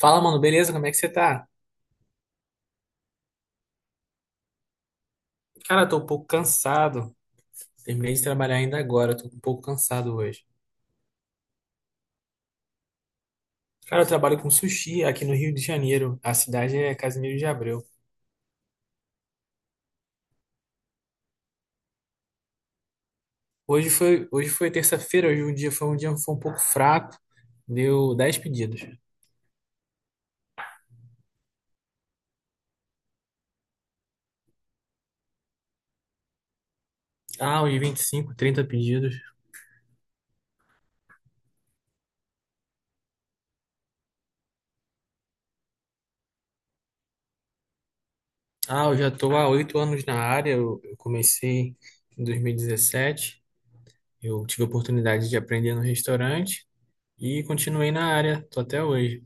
Fala, mano, beleza? Como é que você tá? Cara, eu tô um pouco cansado. Terminei de trabalhar ainda agora, eu tô um pouco cansado hoje. Cara, eu trabalho com sushi aqui no Rio de Janeiro. A cidade é Casimiro de Abreu. Hoje foi terça-feira. Hoje um dia foi um pouco fraco. Deu 10 pedidos. Ah, hoje 25, 30 pedidos. Ah, eu já tô há 8 anos na área. Eu comecei em 2017. Eu tive a oportunidade de aprender no restaurante e continuei na área, tô até hoje.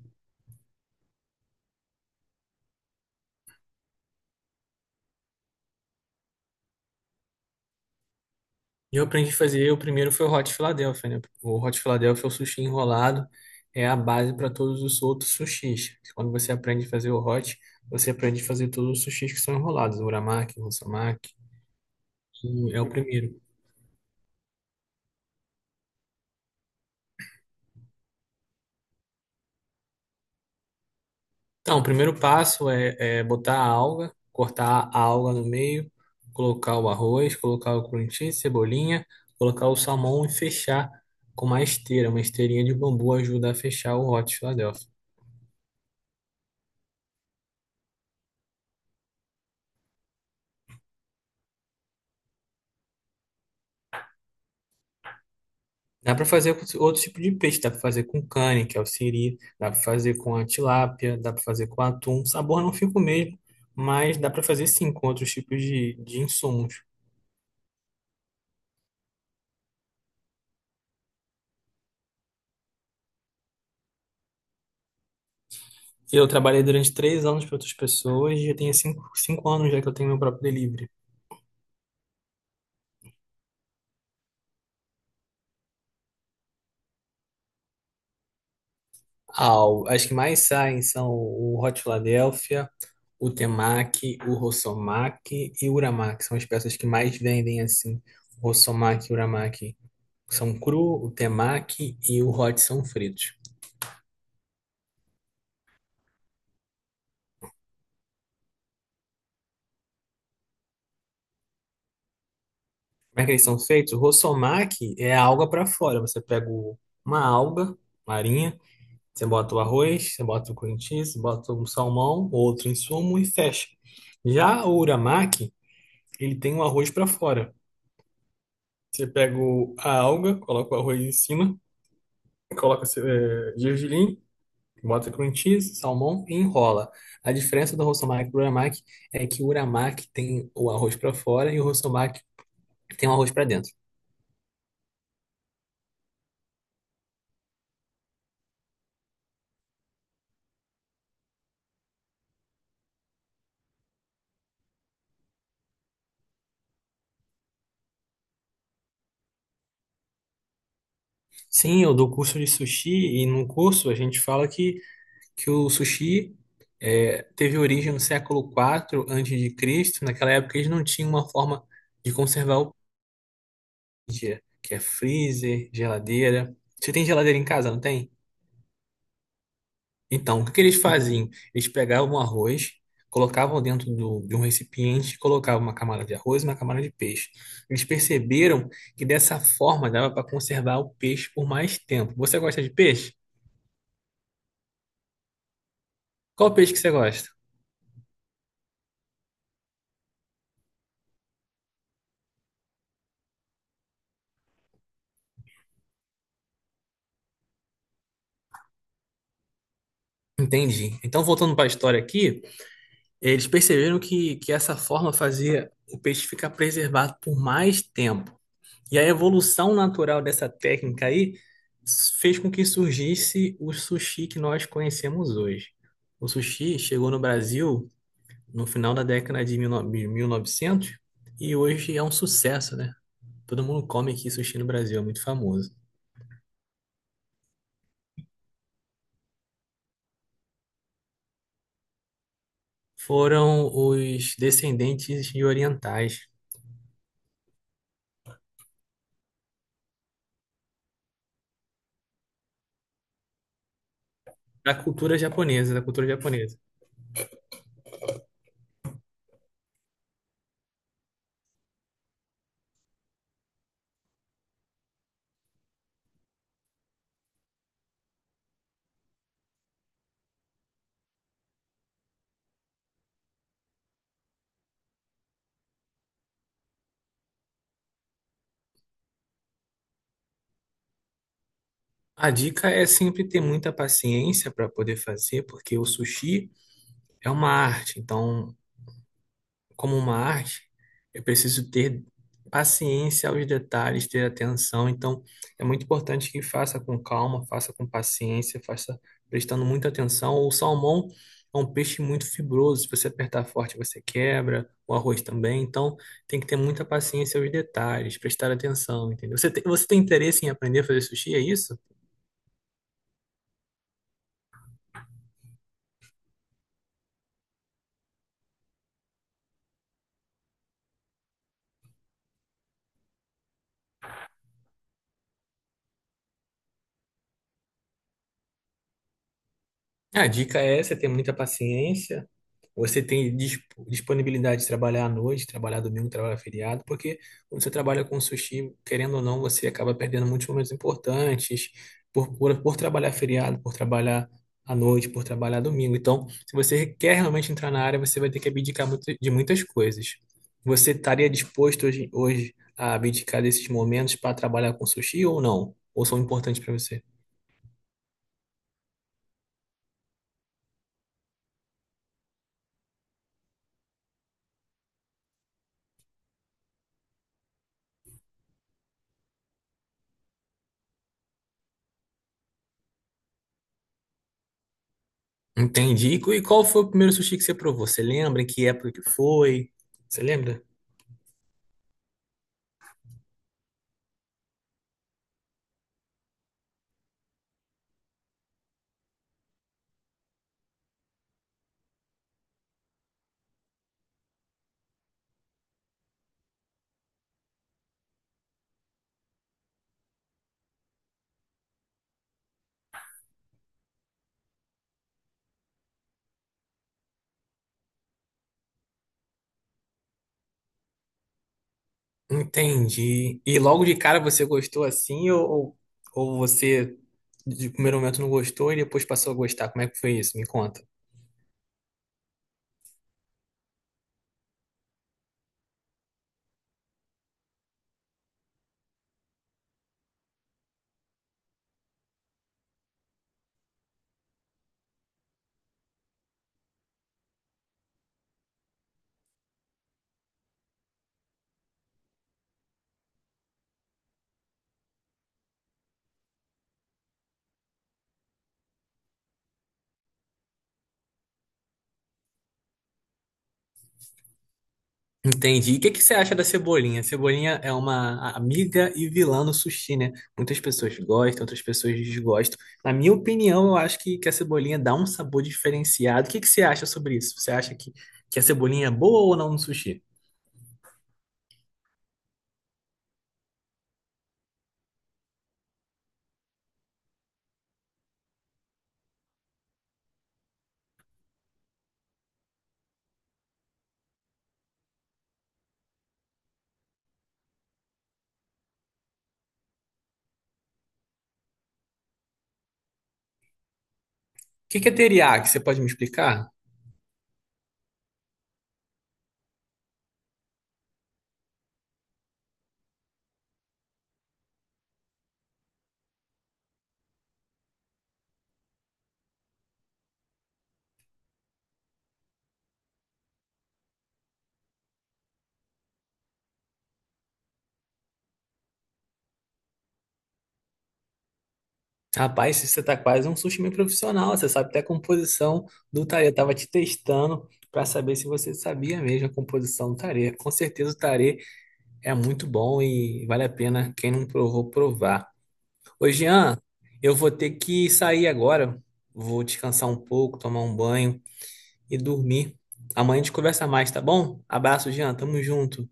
E eu aprendi a fazer, o primeiro foi o Hot Philadelphia, né? O Hot Philadelphia é o sushi enrolado, é a base para todos os outros sushis. Quando você aprende a fazer o hot, você aprende a fazer todos os sushis que são enrolados, o uramaki, o musamaki, e é o primeiro. Então, o primeiro passo é botar a alga, cortar a alga no meio, colocar o arroz, colocar o cream cheese, cebolinha, colocar o salmão e fechar com uma esteira. Uma esteirinha de bambu ajuda a fechar o Hot Philadelphia. Dá para fazer com outro tipo de peixe, dá para fazer com cane, que é o siri, dá para fazer com a tilápia, dá para fazer com atum. O sabor não fica o mesmo, mas dá para fazer sim com outros tipos de insumos. Eu trabalhei durante 3 anos para outras pessoas e já tenho cinco anos já que eu tenho meu próprio delivery. Ah, as que mais saem são o Hot Philadelphia, o Temaki, o Rossomaki e o Uramaki. São as peças que mais vendem assim. O Rossomaki e o Uramaki são cru, o Temaki e o Hot são fritos. Como é que eles são feitos? O Rosomaki é a alga para fora. Você pega uma alga marinha, você bota o arroz, você bota o cream cheese, você bota um salmão, outro insumo e fecha. Já o uramaki, ele tem o arroz para fora. Você pega a alga, coloca o arroz em cima, coloca gergelim, bota cream cheese, salmão e enrola. A diferença do Rosomaki para o uramaki é que o uramaki tem o arroz para fora e o Rosomaki tem um arroz pra dentro. Sim, eu dou curso de sushi e num curso a gente fala que o sushi teve origem no século quatro antes de Cristo. Naquela época eles não tinham uma forma de conservar o dia, que é freezer, geladeira. Você tem geladeira em casa, não tem? Então, o que que eles faziam? Eles pegavam o arroz, colocavam dentro de um recipiente, colocavam uma camada de arroz e uma camada de peixe. Eles perceberam que dessa forma dava para conservar o peixe por mais tempo. Você gosta de peixe? Qual peixe que você gosta? Entendi. Então, voltando para a história aqui, eles perceberam que essa forma fazia o peixe ficar preservado por mais tempo. E a evolução natural dessa técnica aí fez com que surgisse o sushi que nós conhecemos hoje. O sushi chegou no Brasil no final da década de 19 de 1900 e novecentos, e hoje é um sucesso, né? Todo mundo come aqui sushi no Brasil, é muito famoso. Foram os descendentes de orientais da cultura japonesa, da cultura japonesa. A dica é sempre ter muita paciência para poder fazer, porque o sushi é uma arte. Então, como uma arte, eu preciso ter paciência aos detalhes, ter atenção. Então, é muito importante que faça com calma, faça com paciência, faça prestando muita atenção. O salmão é um peixe muito fibroso. Se você apertar forte, você quebra. O arroz também. Então, tem que ter muita paciência aos detalhes, prestar atenção, entendeu? Você tem interesse em aprender a fazer sushi, é isso? A dica é você ter muita paciência. Você tem disponibilidade de trabalhar à noite, trabalhar domingo, trabalhar feriado, porque quando você trabalha com sushi, querendo ou não, você acaba perdendo muitos momentos importantes por trabalhar feriado, por trabalhar à noite, por trabalhar domingo. Então, se você quer realmente entrar na área, você vai ter que abdicar de muitas coisas. Você estaria disposto hoje a abdicar desses momentos para trabalhar com sushi ou não? Ou são importantes para você? Entendi. E qual foi o primeiro sushi que você provou? Você lembra? Em que época que foi? Você lembra? Entendi. E logo de cara você gostou assim, ou ou você de primeiro momento não gostou e depois passou a gostar? Como é que foi isso? Me conta. Entendi. E o que que você acha da cebolinha? Cebolinha é uma amiga e vilã no sushi, né? Muitas pessoas gostam, outras pessoas desgostam. Na minha opinião, eu acho que a cebolinha dá um sabor diferenciado. O que que você acha sobre isso? Você acha que a cebolinha é boa ou não no sushi? O que que é teriyaki? Você pode me explicar? Rapaz, você tá quase um sushi meio profissional. Você sabe até a composição do tarê. Eu tava te testando para saber se você sabia mesmo a composição do tarê. Com certeza o tarê é muito bom e vale a pena quem não provou provar. Ô, Jean, eu vou ter que sair agora. Vou descansar um pouco, tomar um banho e dormir. Amanhã a gente conversa mais, tá bom? Abraço, Jean. Tamo junto.